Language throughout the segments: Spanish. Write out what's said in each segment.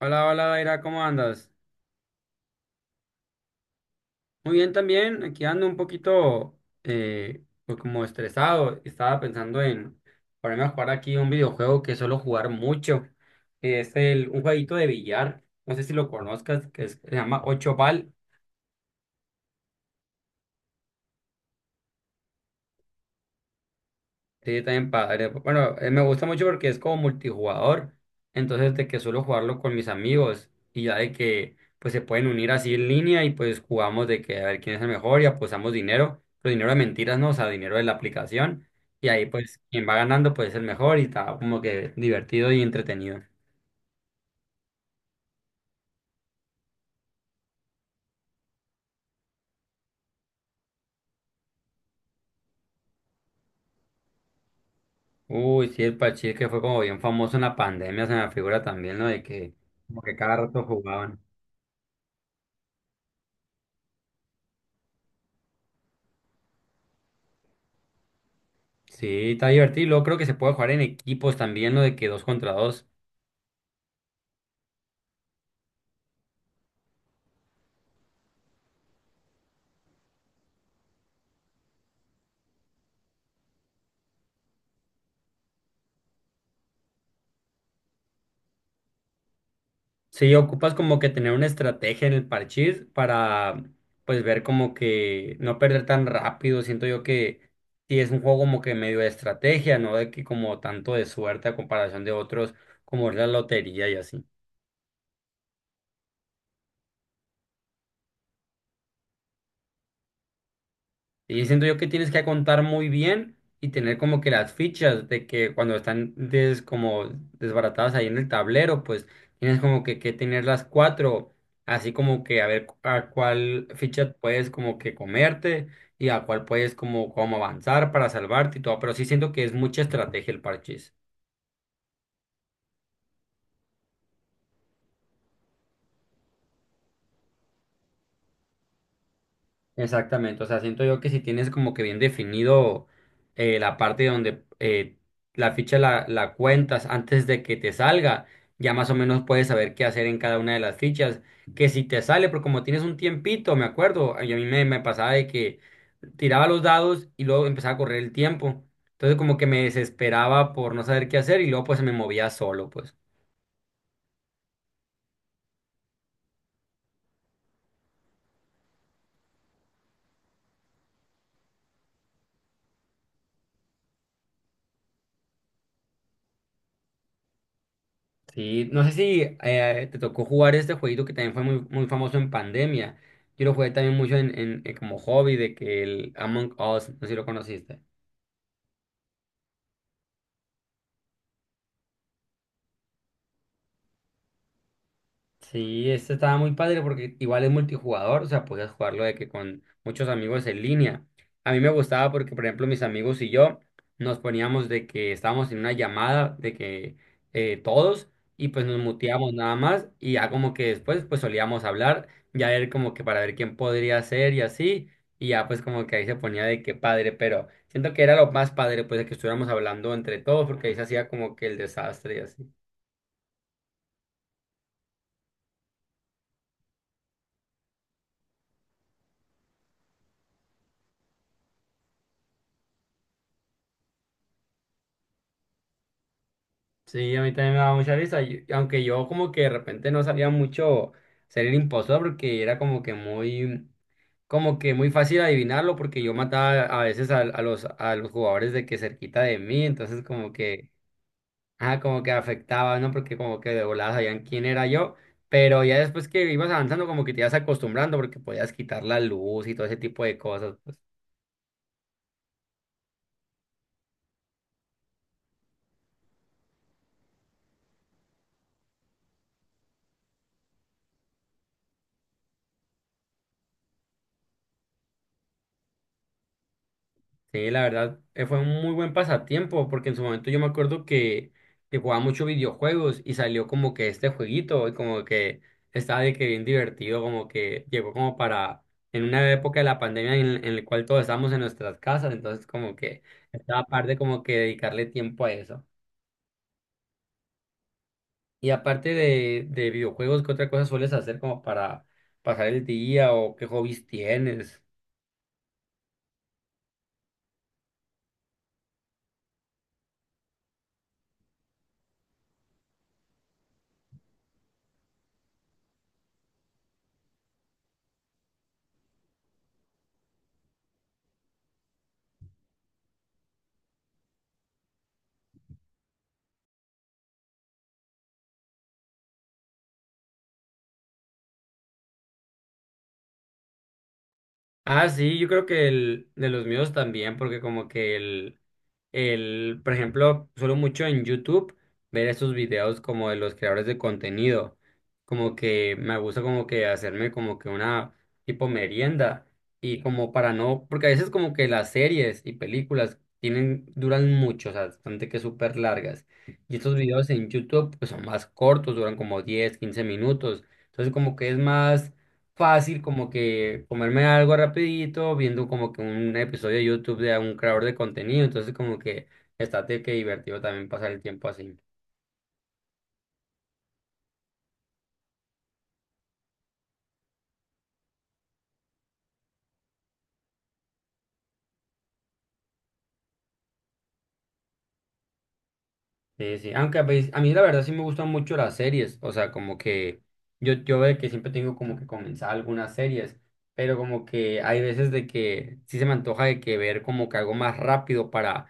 Hola, hola, Daira, ¿cómo andas? Muy bien también, aquí ando un poquito pues como estresado. Estaba pensando en ponerme a jugar aquí un videojuego que suelo jugar mucho. Es un jueguito de billar, no sé si lo conozcas, se llama Ocho Ball. Sí, también padre. Bueno, me gusta mucho porque es como multijugador. Entonces, de que suelo jugarlo con mis amigos y ya de que pues se pueden unir así en línea y pues jugamos de que a ver quién es el mejor y apostamos dinero, pero dinero de mentiras, no, o sea, dinero de la aplicación. Y ahí pues quien va ganando pues es el mejor y está como que divertido y entretenido. Uy, sí, el Pachir que fue como bien famoso en la pandemia, se me figura también, ¿no? De que como que cada rato jugaban. Sí, está divertido. Luego creo que se puede jugar en equipos también, ¿no? De que dos contra dos. Sí, ocupas como que tener una estrategia en el parchís para pues ver como que no perder tan rápido. Siento yo que sí es un juego como que medio de estrategia, no de que como tanto de suerte a comparación de otros como es la lotería y así. Y siento yo que tienes que contar muy bien y tener como que las fichas de que cuando están como desbaratadas ahí en el tablero, pues tienes que tener las cuatro, así como que a ver a cuál ficha puedes como que comerte y a cuál puedes como avanzar para salvarte y todo, pero sí siento que es mucha estrategia el parche. Exactamente, o sea, siento yo que si tienes como que bien definido la parte donde la ficha la cuentas antes de que te salga, ya más o menos puedes saber qué hacer en cada una de las fichas, que si te sale, porque como tienes un tiempito, me acuerdo, y a mí me pasaba de que tiraba los dados y luego empezaba a correr el tiempo, entonces como que me desesperaba por no saber qué hacer y luego pues se me movía solo, pues. Sí, no sé si te tocó jugar este jueguito que también fue muy, muy famoso en pandemia. Yo lo jugué también mucho en como hobby de que el Among Us, no sé si lo conociste. Sí, este estaba muy padre porque igual es multijugador, o sea, podías jugarlo de que con muchos amigos en línea. A mí me gustaba porque, por ejemplo, mis amigos y yo nos poníamos de que estábamos en una llamada de que todos y pues nos muteamos nada más y ya como que después pues solíamos hablar, ya ver como que para ver quién podría ser y así, y ya pues como que ahí se ponía de que padre, pero siento que era lo más padre pues de que estuviéramos hablando entre todos porque ahí se hacía como que el desastre y así. Sí, a mí también me daba mucha risa, aunque yo como que de repente no sabía mucho ser el impostor porque era como que muy fácil adivinarlo porque yo mataba a veces a a los jugadores de que cerquita de mí, entonces ah, como que afectaba, ¿no? Porque como que de volada sabían quién era yo, pero ya después que ibas avanzando como que te ibas acostumbrando porque podías quitar la luz y todo ese tipo de cosas. Sí, la verdad, fue un muy buen pasatiempo, porque en su momento yo me acuerdo que jugaba mucho videojuegos y salió como que este jueguito, y como que estaba de que bien divertido, como que llegó como para, en una época de la pandemia en la cual todos estábamos en nuestras casas, entonces como que estaba aparte como que dedicarle tiempo a eso. Y aparte de videojuegos, ¿qué otra cosa sueles hacer como para pasar el día o qué hobbies tienes? Ah, sí, yo creo que el de los míos también, porque como que por ejemplo, suelo mucho en YouTube ver esos videos como de los creadores de contenido, como que me gusta como que hacerme como que una tipo merienda y como para no, porque a veces como que las series y películas tienen, duran mucho, o sea, bastante que súper largas. Y estos videos en YouTube pues son más cortos, duran como 10, 15 minutos. Entonces como que es más fácil como que comerme algo rapidito, viendo como que un episodio de YouTube de un creador de contenido, entonces como que estate que divertido también pasar el tiempo así. Sí, sí, aunque a mí la verdad sí me gustan mucho las series, o sea, como que yo de que siempre tengo como que comenzar algunas series, pero como que hay veces de que sí se me antoja de que ver como que algo más rápido para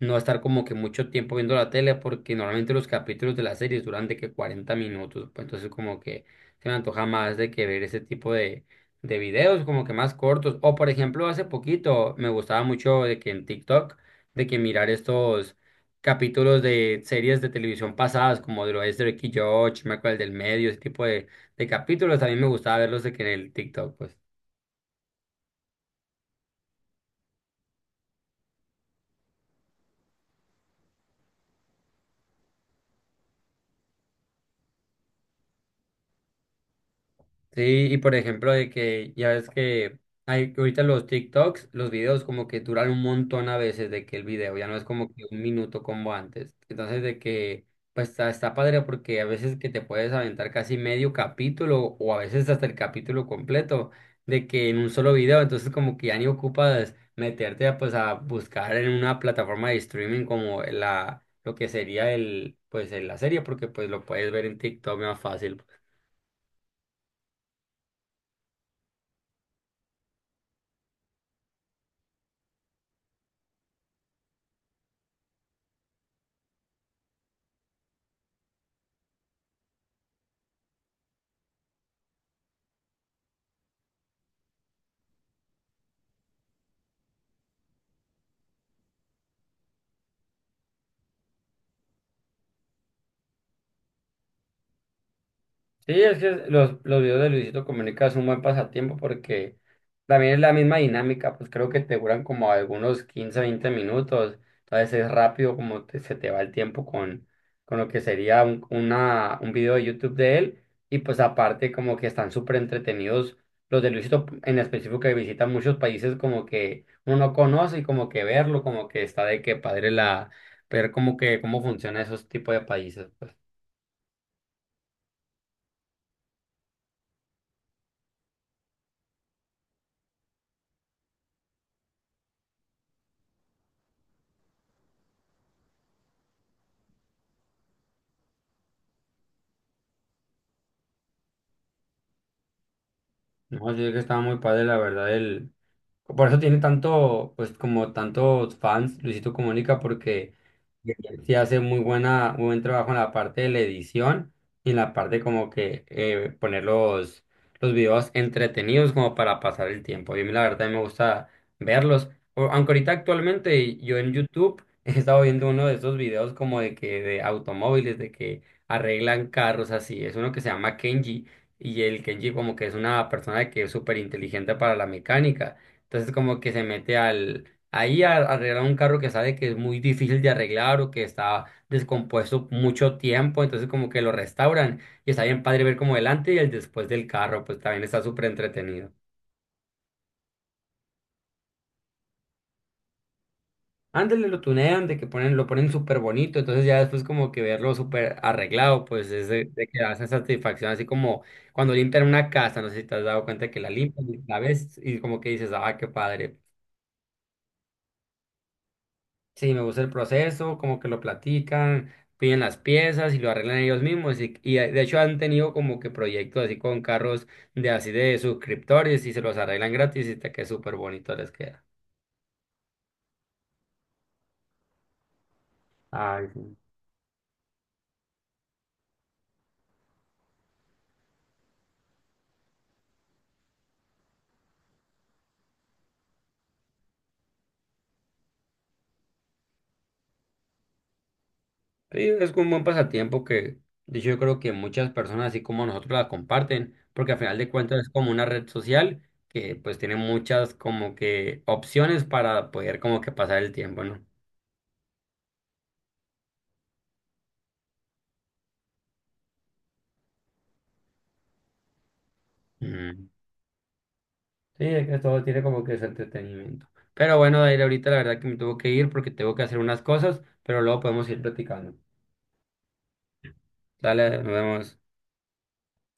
no estar como que mucho tiempo viendo la tele, porque normalmente los capítulos de las series duran de que 40 minutos, pues entonces como que se me antoja más de que ver ese tipo de videos como que más cortos, o por ejemplo hace poquito me gustaba mucho de que en TikTok, de que mirar estos capítulos de series de televisión pasadas, como de lo es de Ricky George, me acuerdo el del medio, ese tipo de capítulos. A mí me gustaba verlos de que en el TikTok, pues. Sí, y por ejemplo, de que ya ves que hay que ahorita los TikToks, los videos como que duran un montón a veces de que el video ya no es como que un minuto como antes. Entonces, de que pues está padre porque a veces que te puedes aventar casi medio capítulo o a veces hasta el capítulo completo de que en un solo video, entonces como que ya ni ocupas meterte a, pues a buscar en una plataforma de streaming como la lo que sería el pues el- la serie porque pues lo puedes ver en TikTok más fácil. Sí, es que los videos de Luisito Comunica es un buen pasatiempo porque también es la misma dinámica, pues creo que te duran como algunos 15 20 minutos, entonces es rápido como se te va el tiempo con lo que sería un video de YouTube de él y pues aparte como que están súper entretenidos los de Luisito en específico que visitan muchos países como que uno no conoce y como que verlo, como que está de que padre ver como que cómo funciona esos tipos de países, pues. No, sí, es que estaba muy padre la verdad el. Por eso tiene tanto, pues como tantos fans Luisito Comunica, porque sí hace muy buena, muy buen trabajo en la parte de la edición y en la parte como que poner los videos entretenidos como para pasar el tiempo. Y a mí la verdad me gusta verlos. Aunque ahorita actualmente yo en YouTube he estado viendo uno de esos videos como de que de automóviles, de que arreglan carros así. Es uno que se llama Kenji y el Kenji como que es una persona que es súper inteligente para la mecánica. Entonces como que se mete al. Ahí arreglar un carro que sabe que es muy difícil de arreglar o que está descompuesto mucho tiempo, entonces como que lo restauran y está bien padre ver como delante y el después del carro, pues también está súper entretenido. Ándale, lo tunean, de que ponen, lo ponen súper bonito, entonces ya después como que verlo súper arreglado, pues es de que da esa satisfacción, así como cuando limpian una casa, no sé si te has dado cuenta que la limpian, y la ves y como que dices, ah, qué padre. Sí, me gusta el proceso, como que lo platican, piden las piezas y lo arreglan ellos mismos. Y de hecho han tenido como que proyectos así con carros de así de suscriptores y se los arreglan gratis y te queda súper bonito les queda. Ay, sí. Sí, es un buen pasatiempo que de hecho yo creo que muchas personas así como nosotros la comparten, porque al final de cuentas es como una red social que pues tiene muchas como que opciones para poder como que pasar el tiempo, ¿no? Mm. Sí, es que todo tiene como que ese entretenimiento. Pero bueno, Dair, ahorita la verdad que me tengo que ir porque tengo que hacer unas cosas, pero luego podemos ir platicando. Dale, nos vemos.